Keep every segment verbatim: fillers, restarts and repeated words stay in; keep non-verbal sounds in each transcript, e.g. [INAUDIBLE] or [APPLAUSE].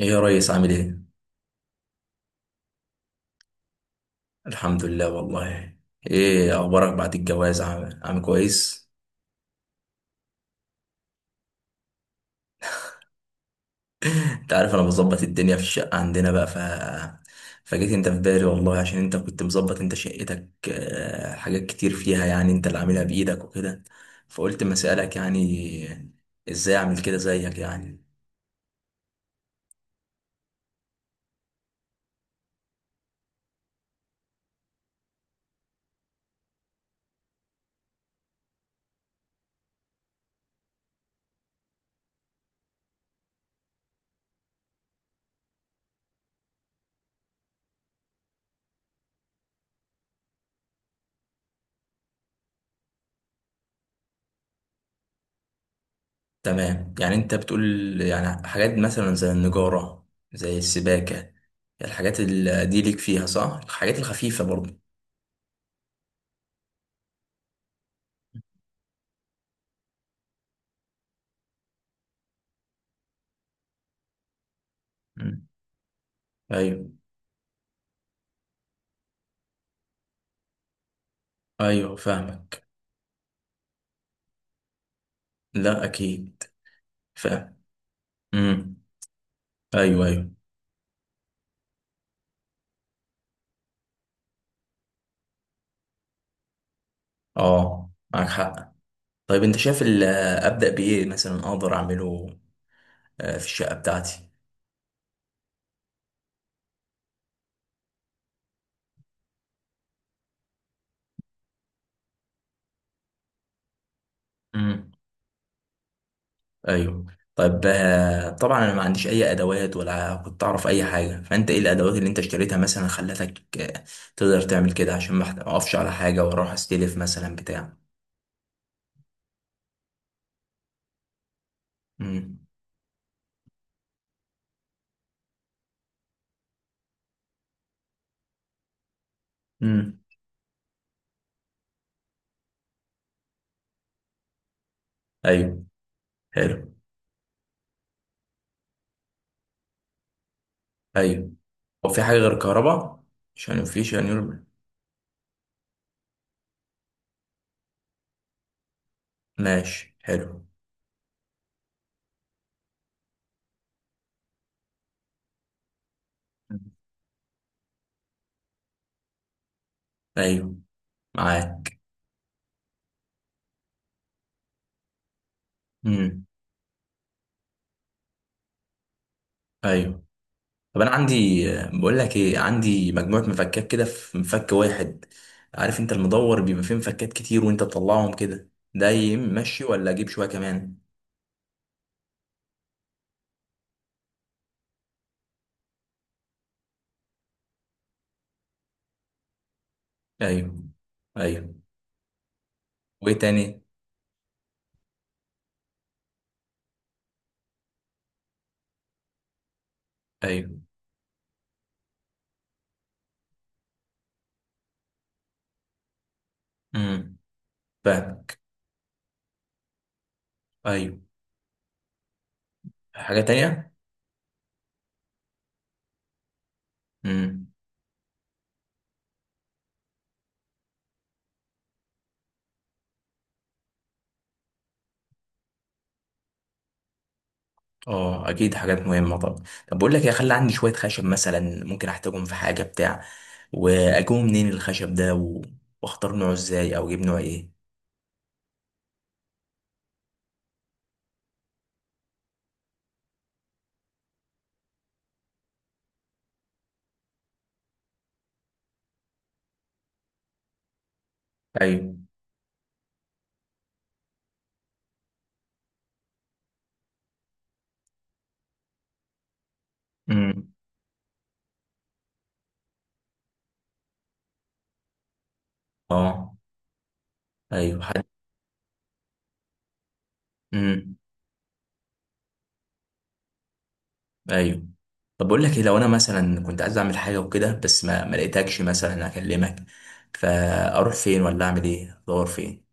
ايه يا ريس، عامل ايه؟ الحمد لله والله. ايه اخبارك بعد الجواز، عامل عامل كويس؟ [LAUGHS] انت عارف انا بظبط الدنيا في الشقة عندنا بقى ف فجيت انت في بالي والله، عشان انت كنت مظبط انت شقتك، آه، حاجات كتير فيها يعني انت اللي عاملها بايدك وكده. فقلت ما اسألك يعني ازاي اعمل كده زيك يعني. تمام، يعني انت بتقول يعني حاجات مثلا زي النجارة، زي السباكة. الحاجات اللي دي ليك فيها صح؟ الحاجات الخفيفة برضه. مم. ايوه، ايوه، فاهمك. لا اكيد. فاهم. امم. ايوه، ايوه. اه، معاك حق. طيب، انت شايف ال- ابدا بايه مثلا اقدر اعمله آه، في الشقه بتاعتي. امم. ايوه. طيب، آه، طبعا انا ما عنديش اي ادوات ولا كنت اعرف اي حاجه، فانت ايه الادوات اللي انت اشتريتها مثلا خلتك آه، تقدر تعمل كده، عشان ما أحت- اقفش على حاجه واروح استلف مثلا بتاع. امم. امم. ايوه. حلو. ايوه. هو في حاجه غير الكهرباء؟ عشان مفيش يعني. ماشي، حلو. ايوه، معاك. امم. ايوه. طب انا عندي بقول لك ايه، عندي مجموعه مفكات كده في مفك واحد. عارف انت المدور بيبقى فيه مفكات كتير وانت تطلعهم كده، ده يمشي ولا اجيب شويه كمان؟ ايوه. ايوه. وايه تاني؟ ايوه. امم. فاهمك. ايوه. حاجه تانية. امم. اه، اكيد حاجات مهمه طبعا. طب بقول لك يا، خلي عندي شويه خشب مثلا ممكن احتاجهم في حاجه بتاع. واجيبه منين الخشب ده و... واختار نوعه ازاي او اجيب نوع ايه؟ ايوه. امم. اه. ايوه، حد. امم. ايوه. طب بقول لك ايه، لو انا مثلا كنت عايز اعمل حاجه وكده بس ما ما لقيتكش مثلا اكلمك، فاروح فين ولا اعمل ايه، ادور فين؟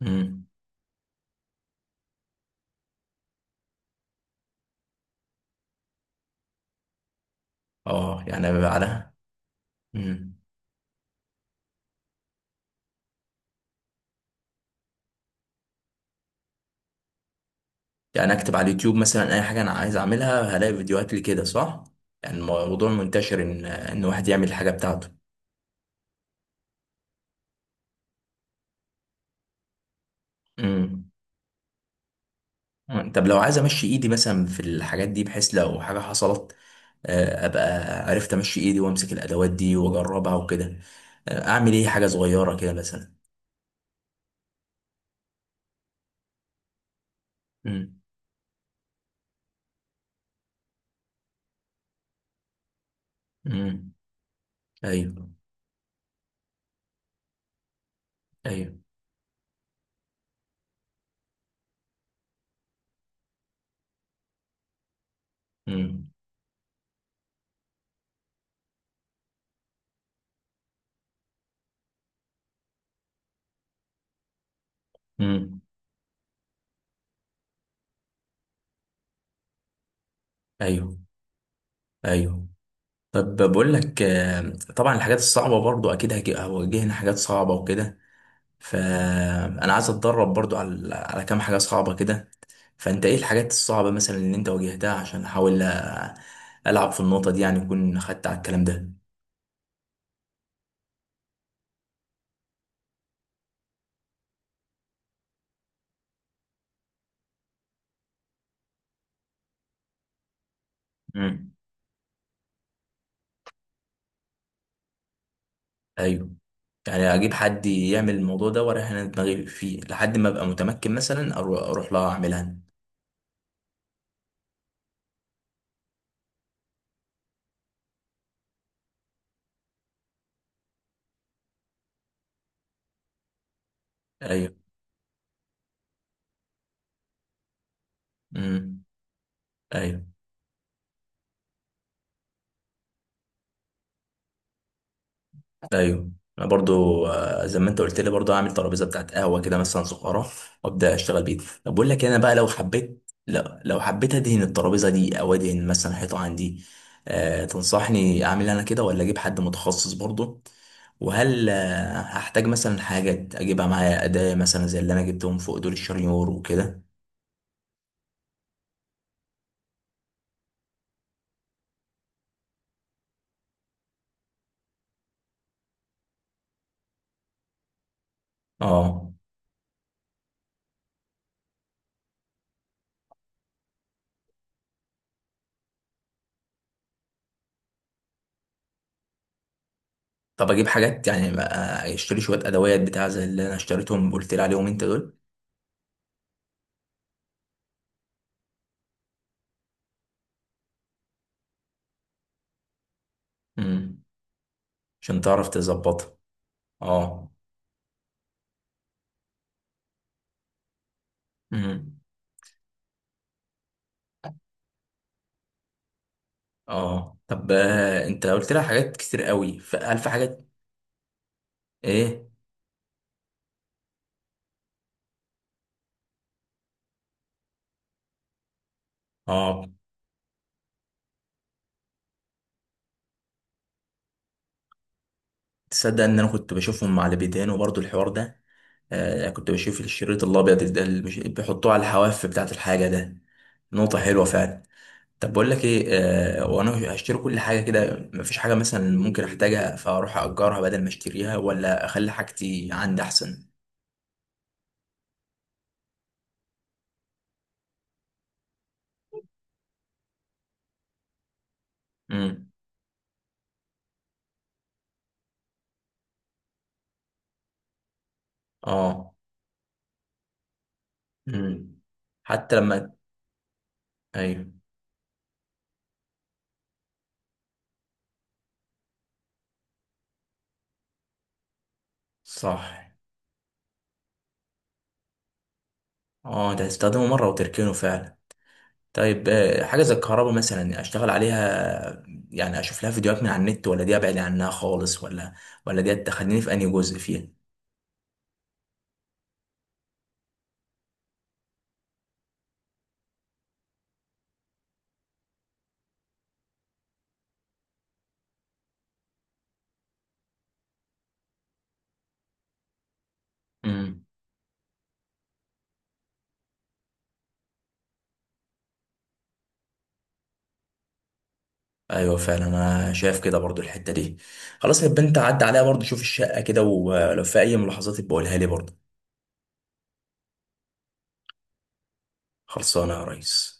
امم. اه، يعني ابقى بعدها. يعني اكتب على اليوتيوب مثلا اي حاجه انا عايز اعملها هلاقي فيديوهات لكده صح؟ يعني الموضوع منتشر ان ان واحد يعمل الحاجه بتاعته. امم. طب لو عايز امشي ايدي مثلا في الحاجات دي، بحيث لو حاجه حصلت آه، ابقى عرفت امشي ايدي وامسك الادوات دي واجربها وكده. آه، اعمل ايه حاجه صغيره كده مثلا؟ امم. امم. ايوه. ايوه. امم. امم. ايوه. ايوه. طب بقول لك، آه، طبعا الحاجات الصعبه برضو اكيد هجي- هواجهنا حاجات صعبه وكده، فانا عايز اتدرب برضو على على كام حاجه صعبه كده. فانت ايه الحاجات الصعبه مثلا اللي انت واجهتها، عشان احاول أ- العب في النقطه دي يعني، اكون خدت على الكلام ده. امم. ايوه. يعني اجيب حد يعمل الموضوع ده واريح انا دماغي فيه لحد ما ابقى متمكن، مثلا اروح اروح لها اعملها أنا. ايوه. امم. ايوه. ايوه. انا برضو آه، زي ما انت قلت لي برضو اعمل ترابيزه بتاعت قهوه كده مثلا صغيره وابدا اشتغل بيها. طب بقول لك إيه، انا بقى لو حبيت لو, لو حبيت ادهن الترابيزه دي او ادهن مثلا حيطه عندي. آه تنصحني اعمل إيه انا كده ولا اجيب حد متخصص برضو؟ وهل آه، هحتاج مثلا حاجه اجيبها معايا اداه مثلا زي اللي انا جبتهم فوق دول الشريور وكده؟ اه. طب اجيب حاجات يعني بقى، اشتري شويه ادوات بتاع زي اللي انا اشتريتهم قلت لي عليهم انت دول. امم. عشان تعرف تظبطها. اه. امم. اه. طب آه، انت قلت لها حاجات كتير قوي، فقال في حاجات. ايه. اه. تصدق ان انا كنت بشوفهم على بيدانه برضو الحوار ده. آه كنت بشوف الشريط الابيض ده اللي مش- بيحطوه على الحواف بتاعه الحاجه ده. نقطه حلوه فعلا. طب بقول لك ايه، آه وانا هشتري كل حاجه كده مفيش حاجه مثلا ممكن احتاجها، فاروح اجرها بدل ما اشتريها ولا اخلي حاجتي عندي احسن؟ امم. اه. امم. حتى لما. ايوه. صح. اه، ده تستخدمه مرة وتركنه فعلا. طيب، آه، حاجة زي الكهرباء مثلا يعني اشتغل عليها؟ يعني اشوف لها فيديوهات من على النت، ولا دي ابعد عنها خالص، ولا ولا دي تخليني في انهي جزء فيها؟ امم. ايوه فعلا، انا شايف كده برضو الحتة دي. خلاص، يبقى انت عدى عليها برضو شوف الشقة كده ولو في اي ملاحظات بقولها لي برضو. خلصانة يا ريس.